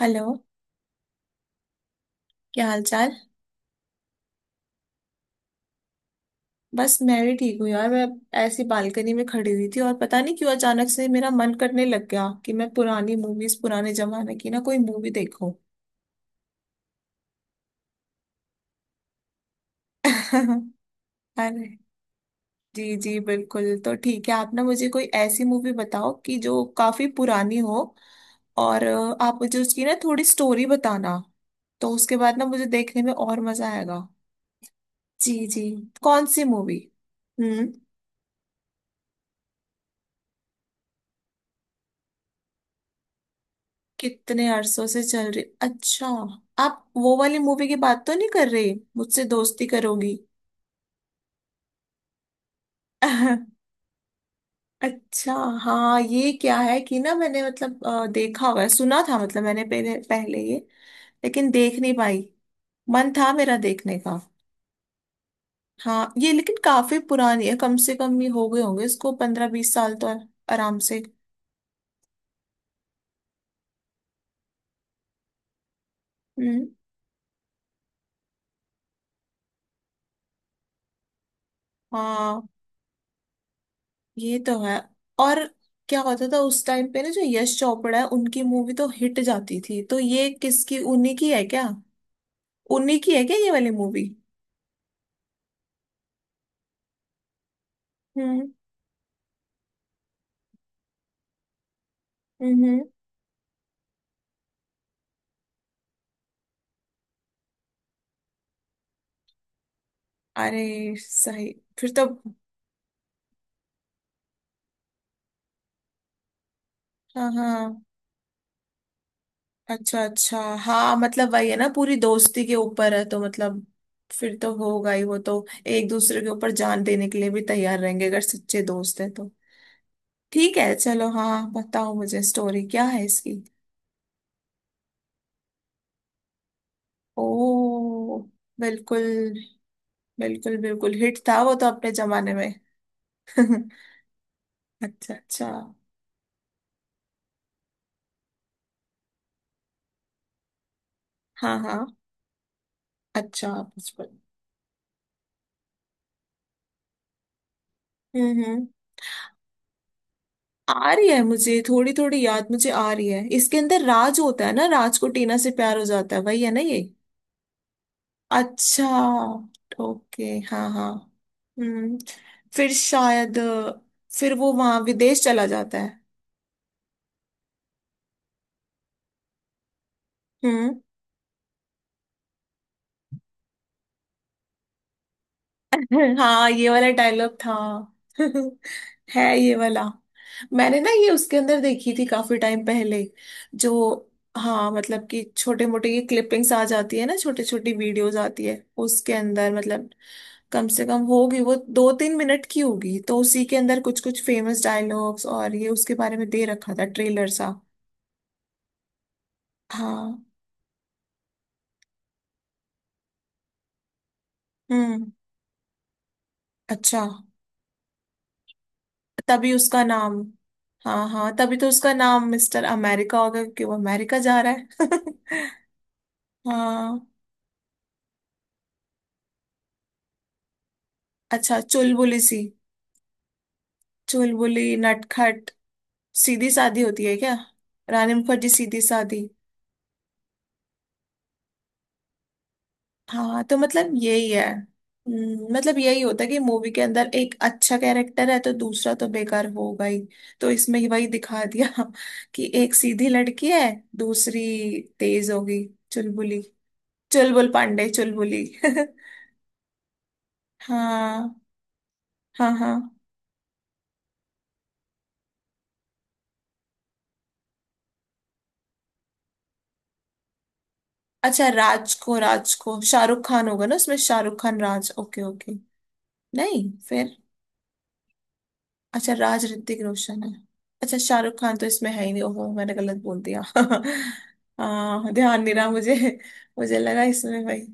Hello. क्या हाल चाल। बस मैं भी ठीक हूँ यार। मैं ऐसी बालकनी में खड़ी हुई थी और पता नहीं क्यों अचानक से मेरा मन करने लग गया कि मैं पुरानी मूवीज पुराने जमाने की ना कोई मूवी देखूं। अरे जी जी बिल्कुल तो ठीक है। आप ना मुझे कोई ऐसी मूवी बताओ कि जो काफी पुरानी हो और आप मुझे उसकी ना थोड़ी स्टोरी बताना। तो उसके बाद ना मुझे देखने में और मजा आएगा। जी जी। कौन सी मूवी। हम्म। कितने अरसों से चल रही। अच्छा आप वो वाली मूवी की बात तो नहीं कर रहे, मुझसे दोस्ती करोगी। अच्छा। हाँ ये क्या है कि ना मैंने मतलब देखा हुआ है, सुना था मतलब मैंने पहले पहले ये, लेकिन देख नहीं पाई। मन था मेरा देखने का। हाँ ये लेकिन काफी पुरानी है, कम से कम ये हो गए होंगे इसको 15-20 साल तो आराम से। हम्म। हाँ ये तो है। और क्या होता था उस टाइम पे ना जो यश चोपड़ा है उनकी मूवी तो हिट जाती थी, तो ये किसकी, उन्हीं की है क्या। उन्हीं की है क्या ये वाली मूवी। हम्म हम्म। अरे सही। फिर तो। हाँ हाँ। अच्छा अच्छा। हाँ मतलब वही है ना पूरी दोस्ती के ऊपर है तो मतलब फिर तो होगा ही। वो तो एक दूसरे के ऊपर जान देने के लिए भी तैयार रहेंगे अगर सच्चे दोस्त हैं तो। ठीक है चलो। हाँ बताओ मुझे, स्टोरी क्या है इसकी। ओ। बिल्कुल। बिल्कुल बिल्कुल हिट था वो तो अपने जमाने में। अच्छा अच्छा। हाँ हाँ। अच्छा। बचपन। हम्म। आ रही है मुझे थोड़ी थोड़ी याद, मुझे आ रही है, इसके अंदर राज होता है ना, राज को टीना से प्यार हो जाता है, वही है ना ये। अच्छा। ओके। हाँ हाँ। हम्म। फिर शायद फिर वो वहां विदेश चला जाता है। हम्म। हाँ ये वाला डायलॉग था। है ये वाला। मैंने ना ये उसके अंदर देखी थी काफी टाइम पहले। जो। हाँ मतलब कि छोटे मोटे ये क्लिपिंग्स आ जाती है ना, छोटी छोटी वीडियोस आती है उसके अंदर मतलब, कम से कम होगी वो 2-3 मिनट की, होगी तो उसी के अंदर कुछ कुछ फेमस डायलॉग्स और ये उसके बारे में दे रखा था ट्रेलर सा। हाँ। हम्म। अच्छा। तभी उसका नाम। हाँ हाँ तभी तो उसका नाम मिस्टर अमेरिका होगा, क्योंकि वो अमेरिका जा रहा है। हाँ। अच्छा चुलबुली सी। चुलबुली नटखट। सीधी सादी होती है क्या। रानी मुखर्जी सीधी सादी। हाँ तो मतलब यही है। मतलब यही होता है कि मूवी के अंदर एक अच्छा कैरेक्टर है तो दूसरा तो बेकार होगा ही। तो इसमें ही वही दिखा दिया। कि एक सीधी लड़की है, दूसरी तेज होगी चुलबुली। चुलबुल पांडे चुलबुली। हाँ हाँ हाँ। अच्छा राज को, राज को शाहरुख खान होगा ना उसमें, शाहरुख खान राज। Okay okay. नहीं फिर। अच्छा राज ऋतिक रोशन है। अच्छा शाहरुख खान तो इसमें है ही नहीं। ओहो मैंने गलत बोल दिया। हाँ ध्यान नहीं रहा मुझे। मुझे लगा इसमें भाई।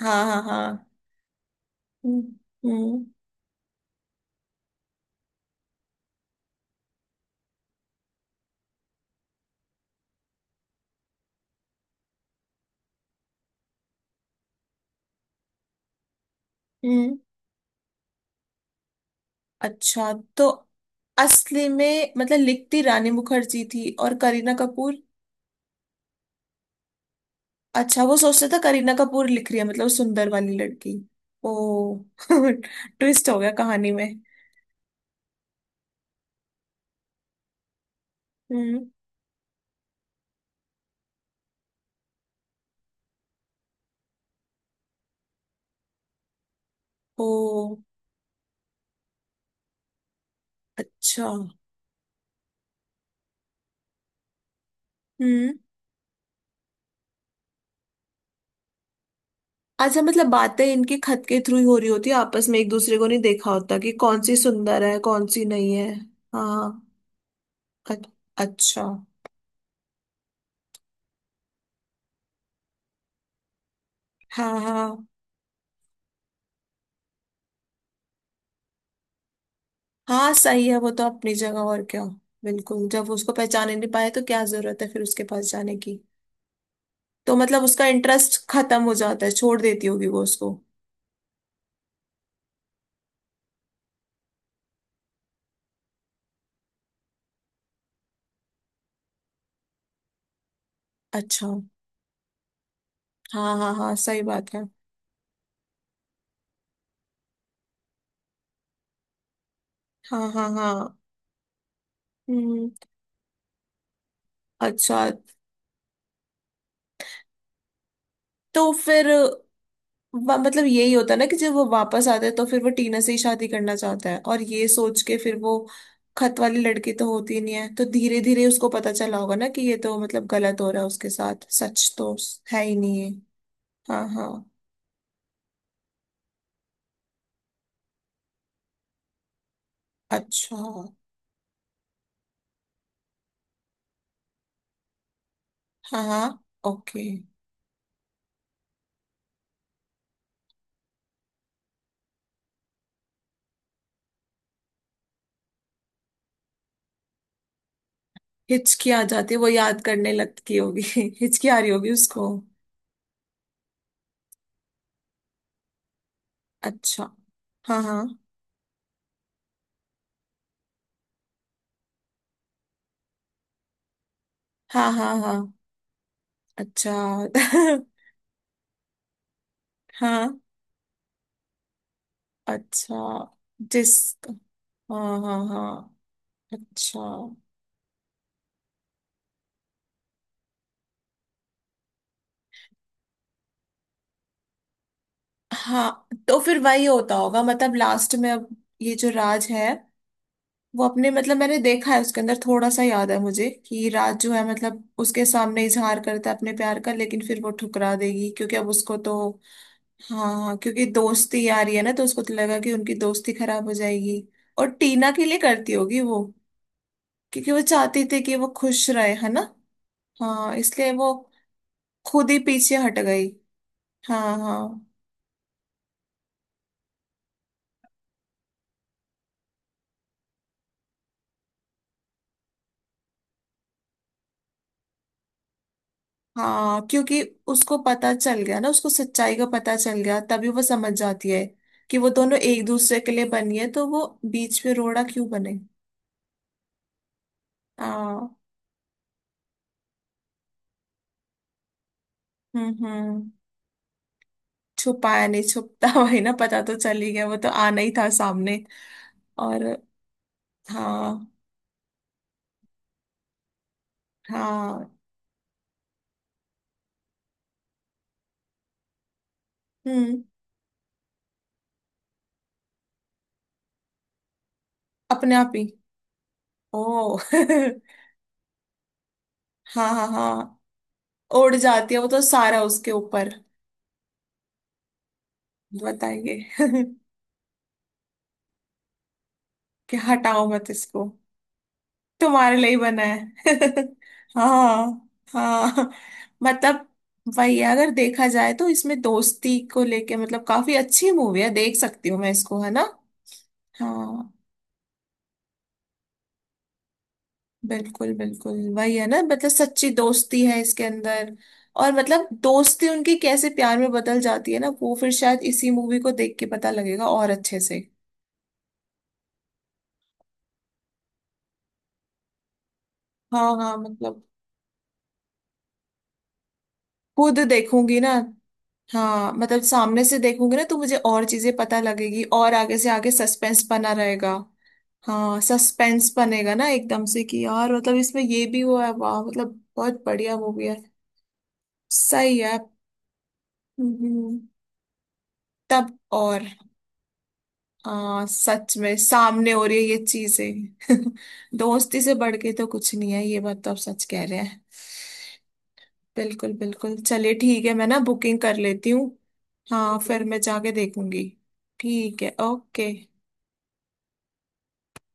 हाँ हाँ हाँ। हम्म हम्म हम्म। अच्छा। तो असली में मतलब लिखती रानी मुखर्जी थी और करीना कपूर। अच्छा वो सोचते था करीना कपूर लिख रही है मतलब सुंदर वाली लड़की। ओ। ट्विस्ट हो गया कहानी में। हम्म। ओ। अच्छा। हम्म। अच्छा मतलब बातें इनके खत के थ्रू ही हो रही होती है आपस में, एक दूसरे को नहीं देखा होता कि कौन सी सुंदर है कौन सी नहीं है। हाँ। अ- अच्छा। हाँ हाँ हाँ सही है। वो तो अपनी जगह, और क्या। बिल्कुल, जब वो उसको पहचाने नहीं पाए तो क्या जरूरत है फिर उसके पास जाने की। तो मतलब उसका इंटरेस्ट खत्म हो जाता है, छोड़ देती होगी वो उसको। अच्छा। हाँ हाँ हाँ सही बात है। हाँ हाँ हाँ। हम्म। अच्छा तो फिर मतलब यही होता है ना कि जब वो वापस आता है तो फिर वो टीना से ही शादी करना चाहता है, और ये सोच के फिर वो, खत वाली लड़की तो होती ही नहीं है, तो धीरे धीरे उसको पता चला होगा ना कि ये तो मतलब गलत हो रहा है उसके साथ, सच तो है ही नहीं है। हाँ हाँ। अच्छा। हाँ हाँ ओके। हिचकी आ जाती है, वो याद करने लगती होगी। हिचकी आ रही होगी उसको। अच्छा। हाँ हाँ। हाँ हाँ हाँ। अच्छा। हाँ। अच्छा। जिस। हाँ हाँ हाँ। अच्छा। हाँ तो फिर वही होता होगा मतलब लास्ट में अब ये जो राज है वो अपने मतलब, मैंने देखा है उसके अंदर थोड़ा सा याद है मुझे, कि राज जो है मतलब उसके सामने इजहार करता है अपने प्यार का, लेकिन फिर वो ठुकरा देगी क्योंकि अब उसको तो। हाँ हाँ क्योंकि दोस्ती आ रही है ना तो उसको तो लगा कि उनकी दोस्ती खराब हो जाएगी। और टीना के लिए करती होगी वो। क्योंकि वो चाहती थी कि वो खुश रहे, है ना। हाँ इसलिए वो खुद ही पीछे हट गई। हाँ हाँ हाँ क्योंकि उसको पता चल गया ना, उसको सच्चाई का पता चल गया, तभी वो समझ जाती है कि वो दोनों एक दूसरे के लिए बनी है, तो वो बीच में रोड़ा क्यों बने। हाँ। हम्म। छुपाया नहीं छुपता। वही ना, पता तो चल ही गया, वो तो आना ही था सामने। और। हाँ हाँ। हम्म। अपने आप ही। ओ। हाँ हाँ हाँ। उड़ जाती है, वो तो सारा उसके ऊपर। बताइए। कि हटाओ मत इसको। तुम्हारे लिए ही बना है। हाँ हाँ मतलब वही है, अगर देखा जाए तो इसमें दोस्ती को लेके मतलब काफी अच्छी मूवी है, देख सकती हूँ मैं इसको, है ना। हाँ। बिल्कुल बिल्कुल वही है ना, मतलब सच्ची दोस्ती है इसके अंदर। और मतलब दोस्ती उनकी कैसे प्यार में बदल जाती है ना, वो फिर शायद इसी मूवी को देख के पता लगेगा और अच्छे से। हाँ हाँ मतलब खुद देखूंगी ना। हाँ मतलब सामने से देखूंगी ना तो मुझे और चीजें पता लगेगी और आगे से आगे सस्पेंस बना रहेगा। हाँ सस्पेंस बनेगा ना एकदम से कि यार मतलब इसमें ये भी हुआ है, वाह मतलब बहुत बढ़िया मूवी है। सही है। हम्म, तब और। हाँ सच में सामने हो रही है ये चीजें। दोस्ती से बढ़ के तो कुछ नहीं है, ये बात तो आप सच कह रहे हैं। बिल्कुल बिल्कुल चलिए ठीक है, मैं ना बुकिंग कर लेती हूँ। हाँ फिर मैं जाके देखूंगी। ठीक है ओके।